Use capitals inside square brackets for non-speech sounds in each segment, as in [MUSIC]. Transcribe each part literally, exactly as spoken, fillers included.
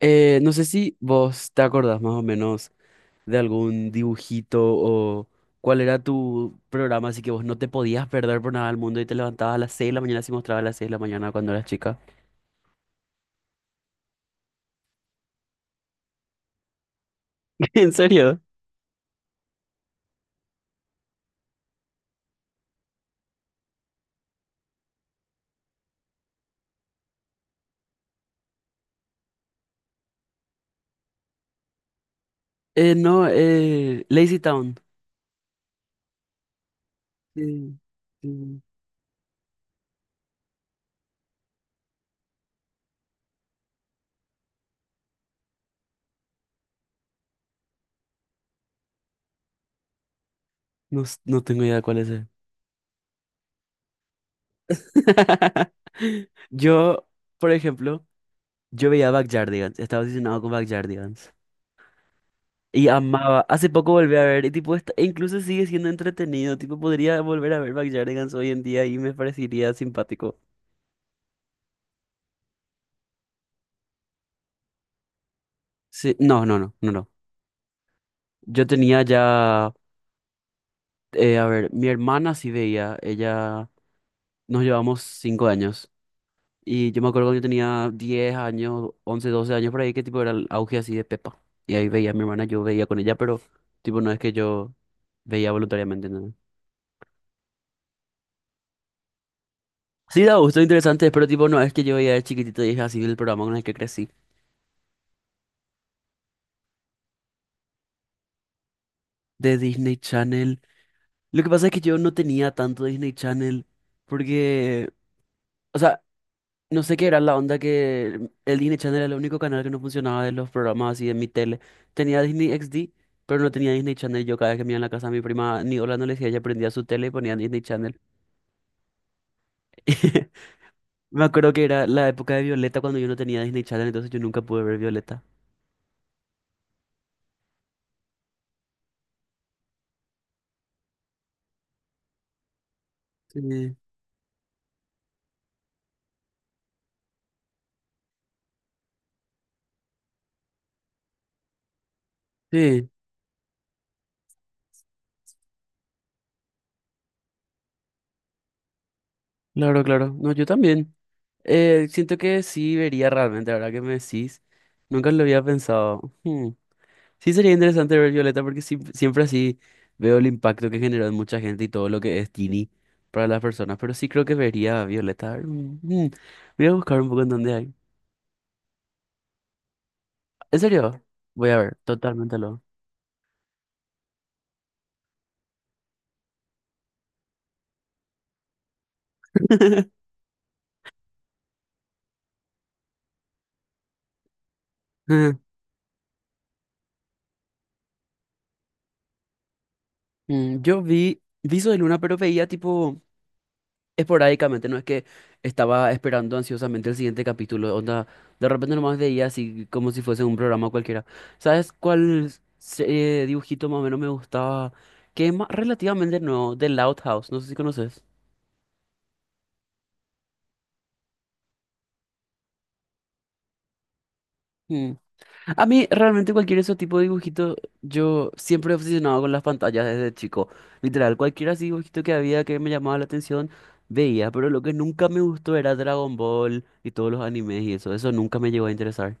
Eh, no sé si vos te acordás más o menos de algún dibujito o cuál era tu programa, así que vos no te podías perder por nada del mundo y te levantabas a las seis de la mañana si mostraba a las seis de la mañana cuando eras chica. [LAUGHS] ¿En serio? Eh, no, eh, Lazy Town. Sí, sí. No, s- no tengo idea cuál es. Ese. [LAUGHS] Yo, por ejemplo, yo veía Backyardigans, estaba obsesionado con Backyardigans. Y amaba. Hace poco volví a ver, y tipo, está- e incluso sigue siendo entretenido. Tipo, podría volver a ver Backyardigans hoy en día y me parecería simpático. Sí, no, no, no, no, no. Yo tenía ya, eh, a ver, mi hermana sí veía, ella, nos llevamos cinco años. Y yo me acuerdo cuando yo tenía diez años, once doce años por ahí, que tipo era el auge así de Pepa. Y ahí veía a mi hermana, yo veía con ella, pero tipo no es que yo veía voluntariamente, ¿no? Sí, da gusto, interesante, pero tipo no es que yo veía de chiquitito y es así el programa con el que crecí. De Disney Channel. Lo que pasa es que yo no tenía tanto Disney Channel porque, o sea, no sé qué era la onda que el Disney Channel era el único canal que no funcionaba de los programas así de mi tele. Tenía Disney X D, pero no tenía Disney Channel. Yo cada vez que me iba en la casa de mi prima, ni hola no le decía, ella prendía su tele y ponía Disney Channel. [LAUGHS] Me acuerdo que era la época de Violeta cuando yo no tenía Disney Channel, entonces yo nunca pude ver Violeta. Sí, sí, claro, claro. No, yo también. Eh, siento que sí vería realmente, ahora que me decís. Nunca lo había pensado. Hmm. Sí sería interesante ver Violeta porque sí- siempre así veo el impacto que generó en mucha gente y todo lo que es Ginny para las personas. Pero sí creo que vería a Violeta. A ver, mm, mm, voy a buscar un poco en dónde hay. ¿En serio? Voy a ver, totalmente lo. [LAUGHS] Mm, Yo vi Viso de Luna, pero veía tipo esporádicamente, no es que estaba esperando ansiosamente el siguiente capítulo, onda, de repente nomás veía así como si fuese un programa cualquiera. ¿Sabes cuál se- eh, dibujito más o menos me gustaba? Que es ma- relativamente nuevo, The Loud House, no sé si conoces. Mm. A mí realmente cualquier de esos tipos de dibujitos, yo siempre he obsesionado con las pantallas desde chico. Literal, cualquier así dibujito que había que me llamaba la atención, veía, pero lo que nunca me gustó era Dragon Ball y todos los animes y eso, eso nunca me llegó a interesar.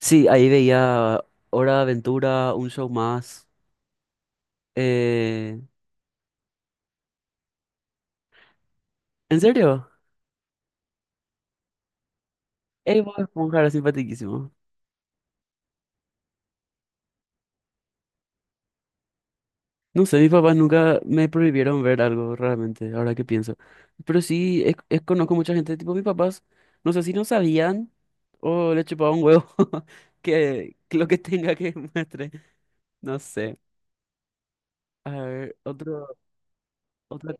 Sí, ahí veía Hora de Aventura, un show más. Eh, ¿En serio? Ey, Bob Esponja era simpaticísimo. No sé, mis papás nunca me prohibieron ver algo realmente, ahora que pienso. Pero sí, es- es- conozco mucha gente, tipo mis papás, no sé si no sabían o le chupaba un huevo [LAUGHS] que, que lo que tenga que [LAUGHS] muestre. No sé. A ver, otro, otro.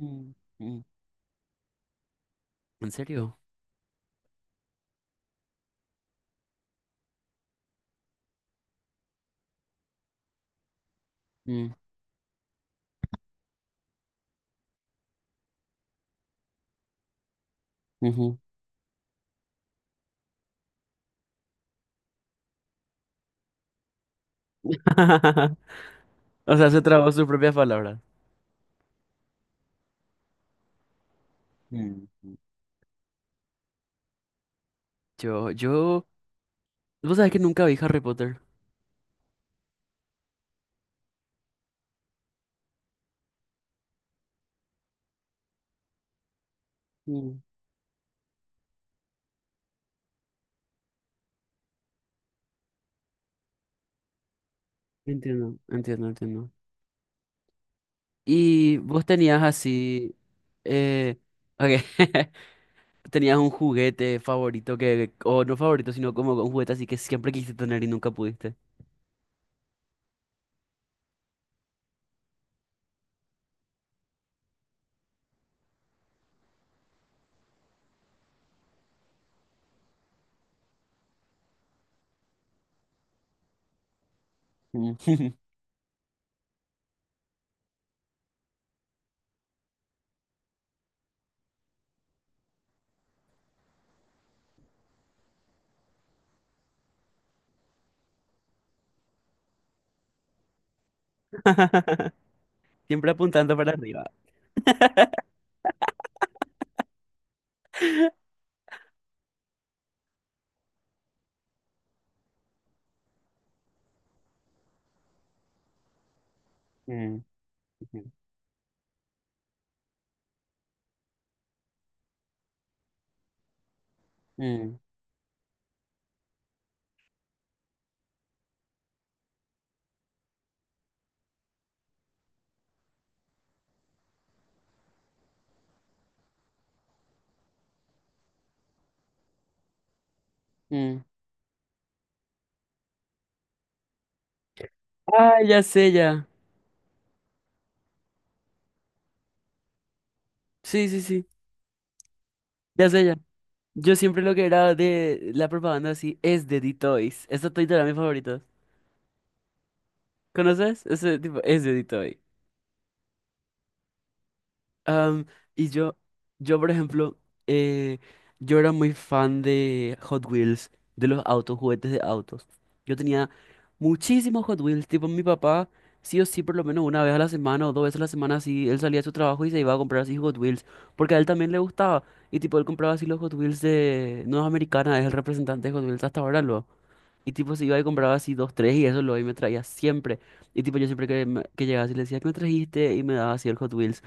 Mm, mm. ¿En serio? Mm, ujú. [LAUGHS] O sea, se trabó sus propias palabras. Mm. Yo, yo, vos sabés que nunca vi Harry Potter. Mm, entiendo, entiendo, entiendo. Y vos tenías así, eh, ok, [LAUGHS] tenías un juguete favorito que, o no favorito, sino como un juguete así que siempre quisiste tener y nunca pudiste. Mm. [LAUGHS] Siempre apuntando para arriba. Mm, ujú, mm, mm. Ah, ya sé ya. Sí, sí, sí, ya sé ya. Yo siempre lo que era de la propaganda así es de D-Toys. Esos toys eran mis favoritos. ¿Conoces? Ese tipo, ese edito ahí. Am, y yo, yo, por ejemplo, eh, yo era muy fan de Hot Wheels, de los autos, juguetes de autos. Yo tenía muchísimos Hot Wheels, tipo mi papá, sí o sí, por lo menos una vez a la semana o dos veces a la semana, sí, él salía de su trabajo y se iba a comprar así Hot Wheels, porque a él también le gustaba. Y tipo, él compraba así los Hot Wheels de Nueva Americana, es el representante de Hot Wheels hasta ahora, lo. Y tipo se iba y compraba así dos, tres y eso lo y me traía siempre. Y tipo yo siempre que, me- que llegaba así le decía, ¿qué me trajiste? Y me daba así el Hot Wheels.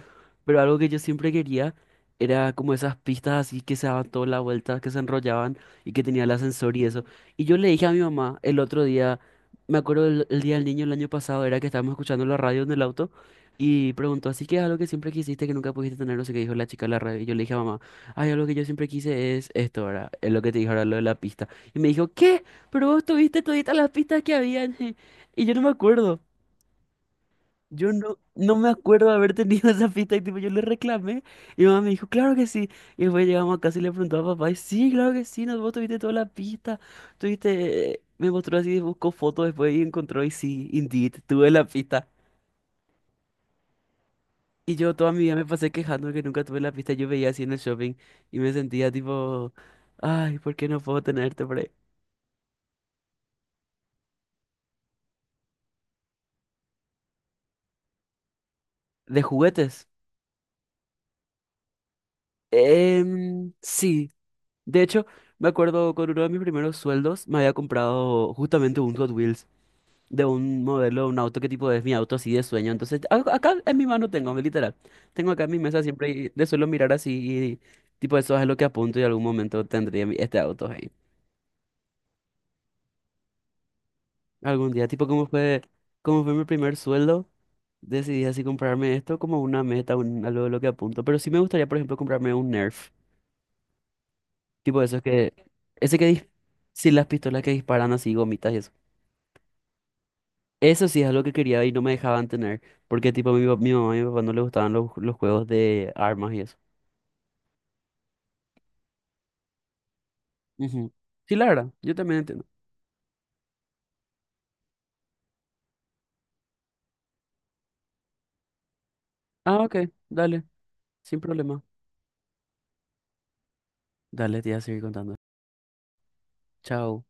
Pero algo que yo siempre quería era como esas pistas así que se daban toda la vuelta, que se enrollaban y que tenía el ascensor y eso. Y yo le dije a mi mamá el otro día, me acuerdo el, el día del niño el año pasado, era que estábamos escuchando la radio en el auto y preguntó, así que es algo que siempre quisiste que nunca pudiste tener, no sé qué dijo la chica de la radio. Y yo le dije a mamá, ay, algo que yo siempre quise es esto, ahora, es lo que te dije ahora, lo de la pista. Y me dijo, ¿qué? Pero vos tuviste toditas las pistas que habían. [LAUGHS] Y yo no me acuerdo. Yo no, no me acuerdo de haber tenido [LAUGHS] esa pista. Y tipo, yo le reclamé. Y mi mamá me dijo, claro que sí. Y después llegamos a casa y le preguntó a papá. Y sí, claro que sí. No, vos tuviste todas las pistas. Tuviste. Me mostró así, buscó fotos después y encontró. Y sí, indeed, tuve la pista. Y yo toda mi vida me pasé quejando de que nunca tuve la pista. Yo veía así en el shopping. Y me sentía tipo, ay, ¿por qué no puedo tenerte por ahí? ¿De juguetes? Em, sí, de hecho, me acuerdo con uno de mis primeros sueldos me había comprado justamente un Hot Wheels de un modelo, un auto que tipo es mi auto así de sueño. Entonces, a- acá en mi mano tengo, literal. Tengo acá en mi mesa siempre y le suelo mirar así y tipo eso es lo que apunto y algún momento tendría mi- este auto ahí. Algún día, tipo como fue, como fue mi primer sueldo, decidí así comprarme esto como una meta, un, algo de lo que apunto. Pero sí me gustaría, por ejemplo, comprarme un Nerf. Tipo eso que, ese que, dis- sí, las pistolas que disparan así, gomitas y eso. Eso sí es algo que quería y no me dejaban tener, porque tipo mi, pa- mi mamá y mi papá no les gustaban los, los juegos de armas y eso. Ujú. Sí, la verdad, yo también entiendo. Ah, ok, dale, sin problema. Dale, te voy a seguir contando. Chao.